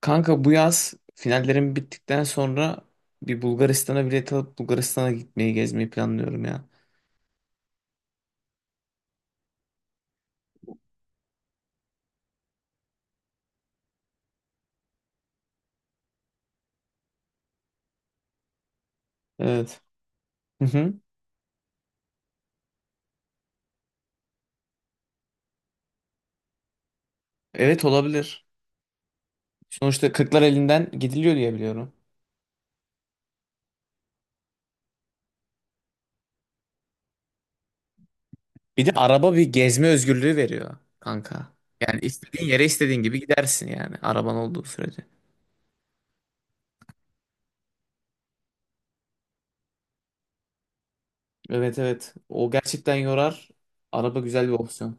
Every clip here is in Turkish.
Kanka bu yaz finallerim bittikten sonra bir Bulgaristan'a bilet alıp Bulgaristan'a gitmeyi gezmeyi planlıyorum ya. Evet. Hı hı. Evet, olabilir. Sonuçta kırklar elinden gidiliyor diye biliyorum. Bir de araba bir gezme özgürlüğü veriyor kanka. Yani istediğin yere istediğin gibi gidersin yani araban olduğu sürece. Evet, evet. O gerçekten yorar. Araba güzel bir opsiyon.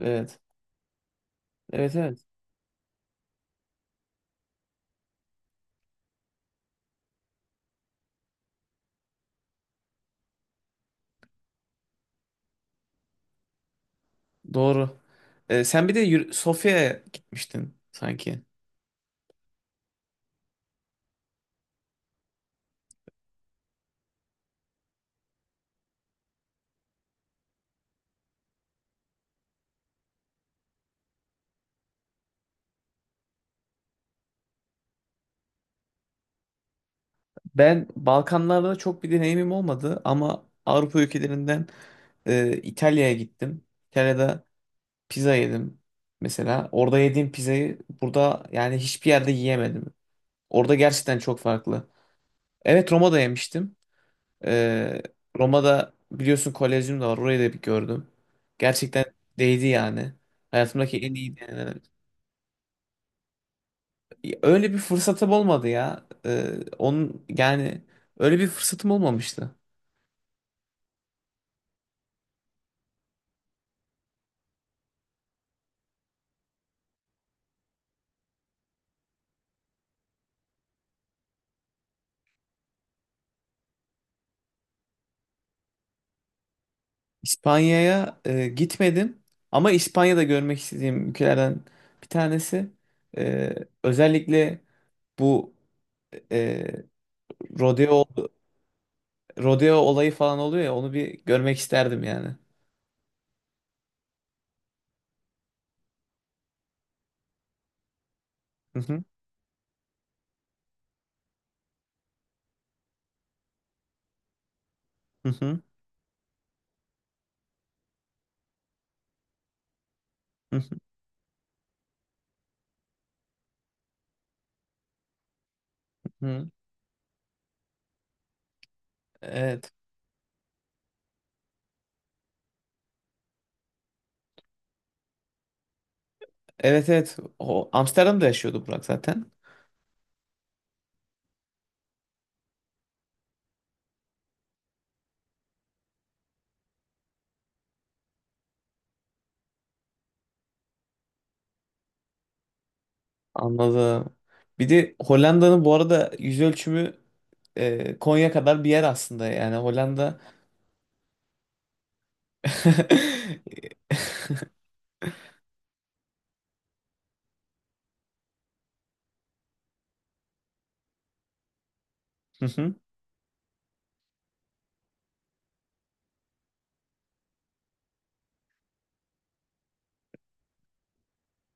Evet. Evet, evet. Doğru. Sen bir de Sofya'ya gitmiştin sanki. Ben Balkanlarda çok bir deneyimim olmadı ama Avrupa ülkelerinden İtalya'ya gittim. İtalya'da pizza yedim mesela. Orada yediğim pizzayı burada yani hiçbir yerde yiyemedim. Orada gerçekten çok farklı. Evet, Roma'da yemiştim. E, Roma'da biliyorsun Kolezyum da var. Orayı da bir gördüm. Gerçekten değdi yani. Hayatımdaki en iyi deneyimlerim. Öyle bir fırsatım olmadı ya. Onun yani öyle bir fırsatım olmamıştı. İspanya'ya gitmedim ama İspanya'da görmek istediğim ülkelerden bir tanesi. E, özellikle bu e, rodeo rodeo olayı falan oluyor ya onu bir görmek isterdim yani. Hı hı, hı hı, hı hı, hı. Evet. Evet, evet. O Amsterdam'da yaşıyordu Burak zaten. Anladım. Bir de Hollanda'nın bu arada yüz ölçümü Konya kadar bir yer aslında yani Hollanda. Hı hı.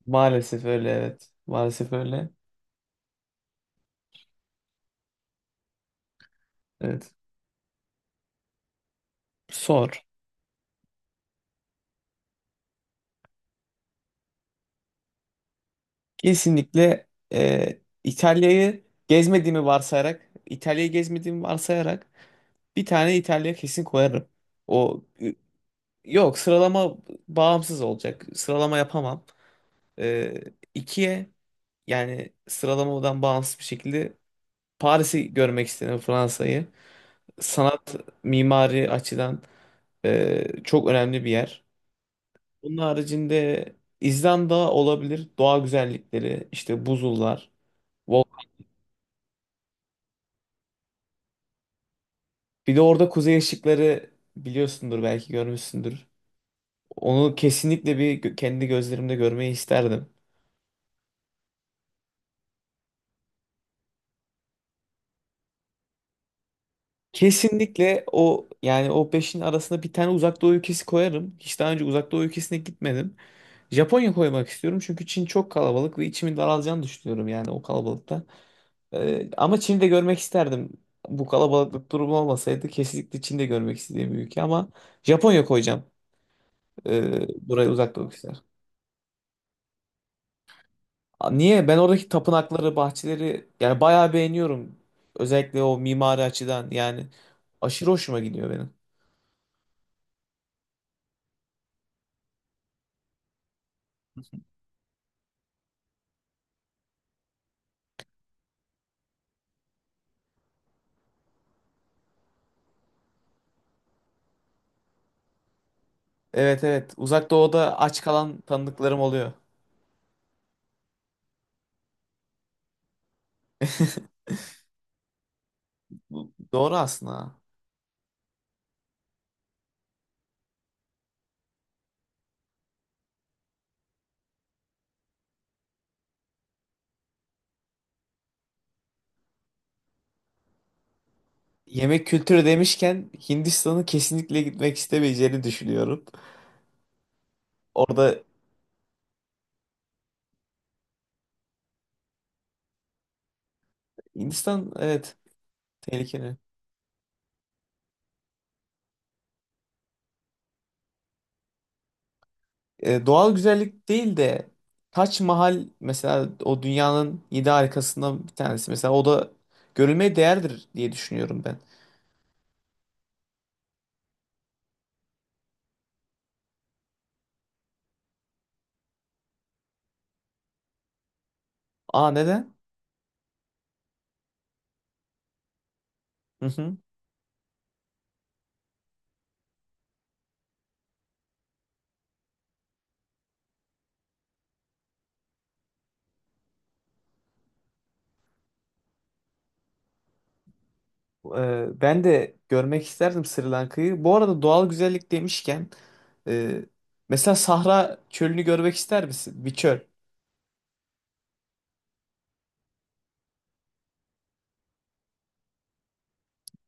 Maalesef öyle, evet. Maalesef öyle. Evet. Sor. Kesinlikle İtalya'yı gezmediğimi varsayarak, İtalya'yı gezmediğimi varsayarak bir tane İtalya kesin koyarım. O yok, sıralama bağımsız olacak. Sıralama yapamam. E, ikiye yani sıralamadan bağımsız bir şekilde Paris'i görmek istedim, Fransa'yı. Sanat, mimari açıdan çok önemli bir yer. Bunun haricinde İzlanda olabilir. Doğa güzellikleri, işte buzullar. vol- Bir de orada kuzey ışıkları biliyorsundur, belki görmüşsündür. Onu kesinlikle bir kendi gözlerimde görmeyi isterdim. Kesinlikle o yani o beşin arasında bir tane uzak doğu ülkesi koyarım. Hiç daha önce uzak doğu ülkesine gitmedim. Japonya koymak istiyorum çünkü Çin çok kalabalık ve içimin daralacağını düşünüyorum yani o kalabalıkta. Ama Çin'i de görmek isterdim. Bu kalabalıklık durumu olmasaydı kesinlikle Çin'de görmek istediğim bir ülke ama Japonya koyacağım. Buraya uzak doğu ülkeler. Aa, niye? Ben oradaki tapınakları, bahçeleri yani bayağı beğeniyorum. Özellikle o mimari açıdan yani aşırı hoşuma gidiyor benim. Evet, evet. Uzak Doğu'da aç kalan tanıdıklarım oluyor. Bu doğru aslında. Yemek kültürü demişken Hindistan'ı kesinlikle gitmek istemeyeceğini düşünüyorum. Orada Hindistan, evet, tehlikeli. Doğal güzellik değil de Taç Mahal mesela, o dünyanın yedi harikasından bir tanesi. Mesela o da görülmeye değerdir diye düşünüyorum ben. Aa, neden? Ben de görmek isterdim Sri Lanka'yı. Bu arada doğal güzellik demişken e, mesela Sahra çölünü görmek ister misin? Bir çöl.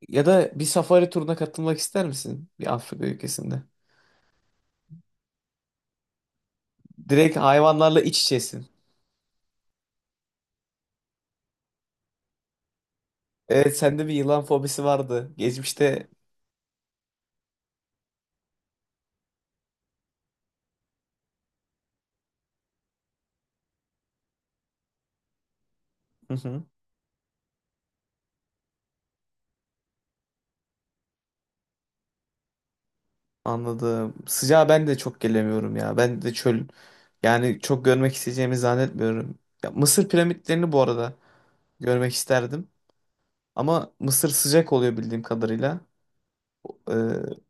Ya da bir safari turuna katılmak ister misin? Bir Afrika ülkesinde. Direkt hayvanlarla iç içesin. Evet, sende bir yılan fobisi vardı. Geçmişte. Hı hı, anladım. Sıcağa ben de çok gelemiyorum ya. Ben de çöl yani çok görmek isteyeceğimi zannetmiyorum. Ya, Mısır piramitlerini bu arada görmek isterdim. Ama Mısır sıcak oluyor bildiğim kadarıyla. Ee,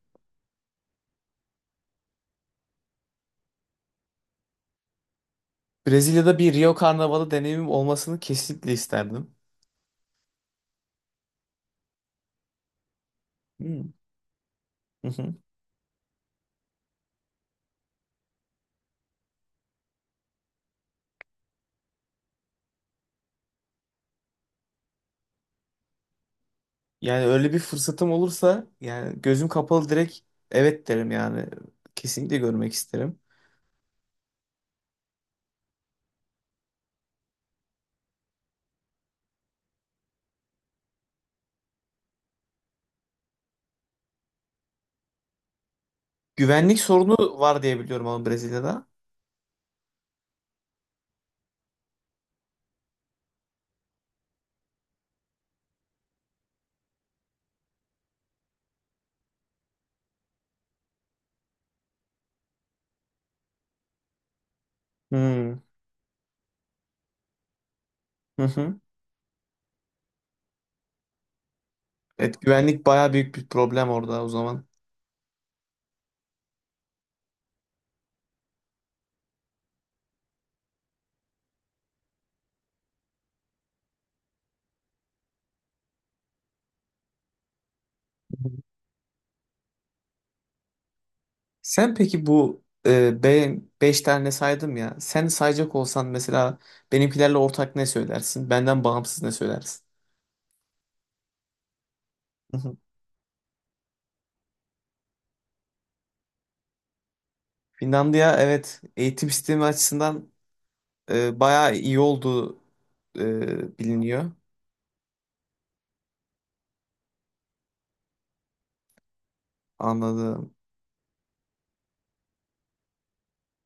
Brezilya'da bir Rio Karnavalı deneyimim olmasını kesinlikle isterdim. Hmm. Hı hı. Yani öyle bir fırsatım olursa yani gözüm kapalı direkt evet derim yani. Kesinlikle görmek isterim. Güvenlik sorunu var diye biliyorum ama Brezilya'da. Hmm. Hı hı. Evet, güvenlik baya büyük bir problem orada o zaman. Sen peki bu beş tane saydım ya. Sen sayacak olsan mesela benimkilerle ortak ne söylersin? Benden bağımsız ne söylersin? Hı hı. Finlandiya, evet, eğitim sistemi açısından bayağı iyi olduğu biliniyor. Anladım.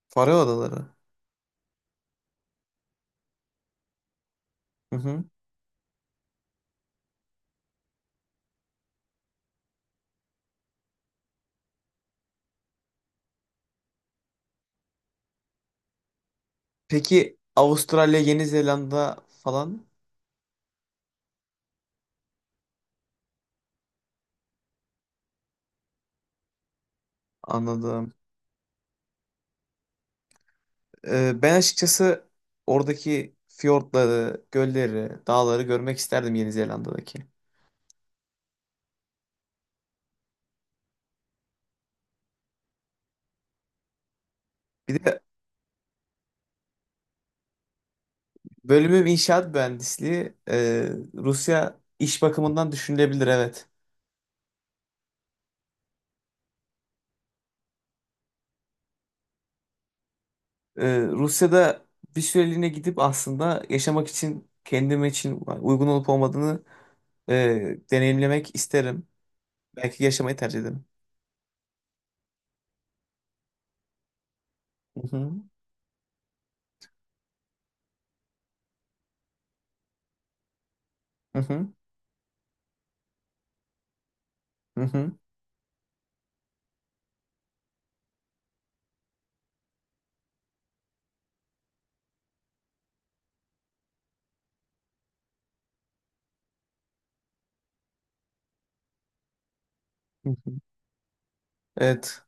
Faroe Adaları. Hı hı. Peki Avustralya, Yeni Zelanda falan, anladım. Ben açıkçası oradaki fiyortları, gölleri, dağları görmek isterdim Yeni Zelanda'daki. Bir de bölümüm inşaat mühendisliği. Rusya iş bakımından düşünülebilir, evet. Rusya'da bir süreliğine gidip aslında yaşamak için kendim için uygun olup olmadığını deneyimlemek isterim. Belki yaşamayı tercih ederim. Hı hı, hı hı, hı hı, hı hı. Evet.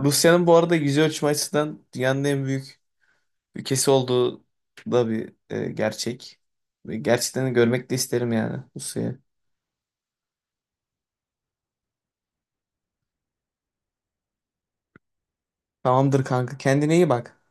Rusya'nın bu arada yüz ölçme açısından dünyanın en büyük ülkesi olduğu da bir gerçek. Ve gerçekten de görmek de isterim yani Rusya'yı. Tamamdır kanka. Kendine iyi bak.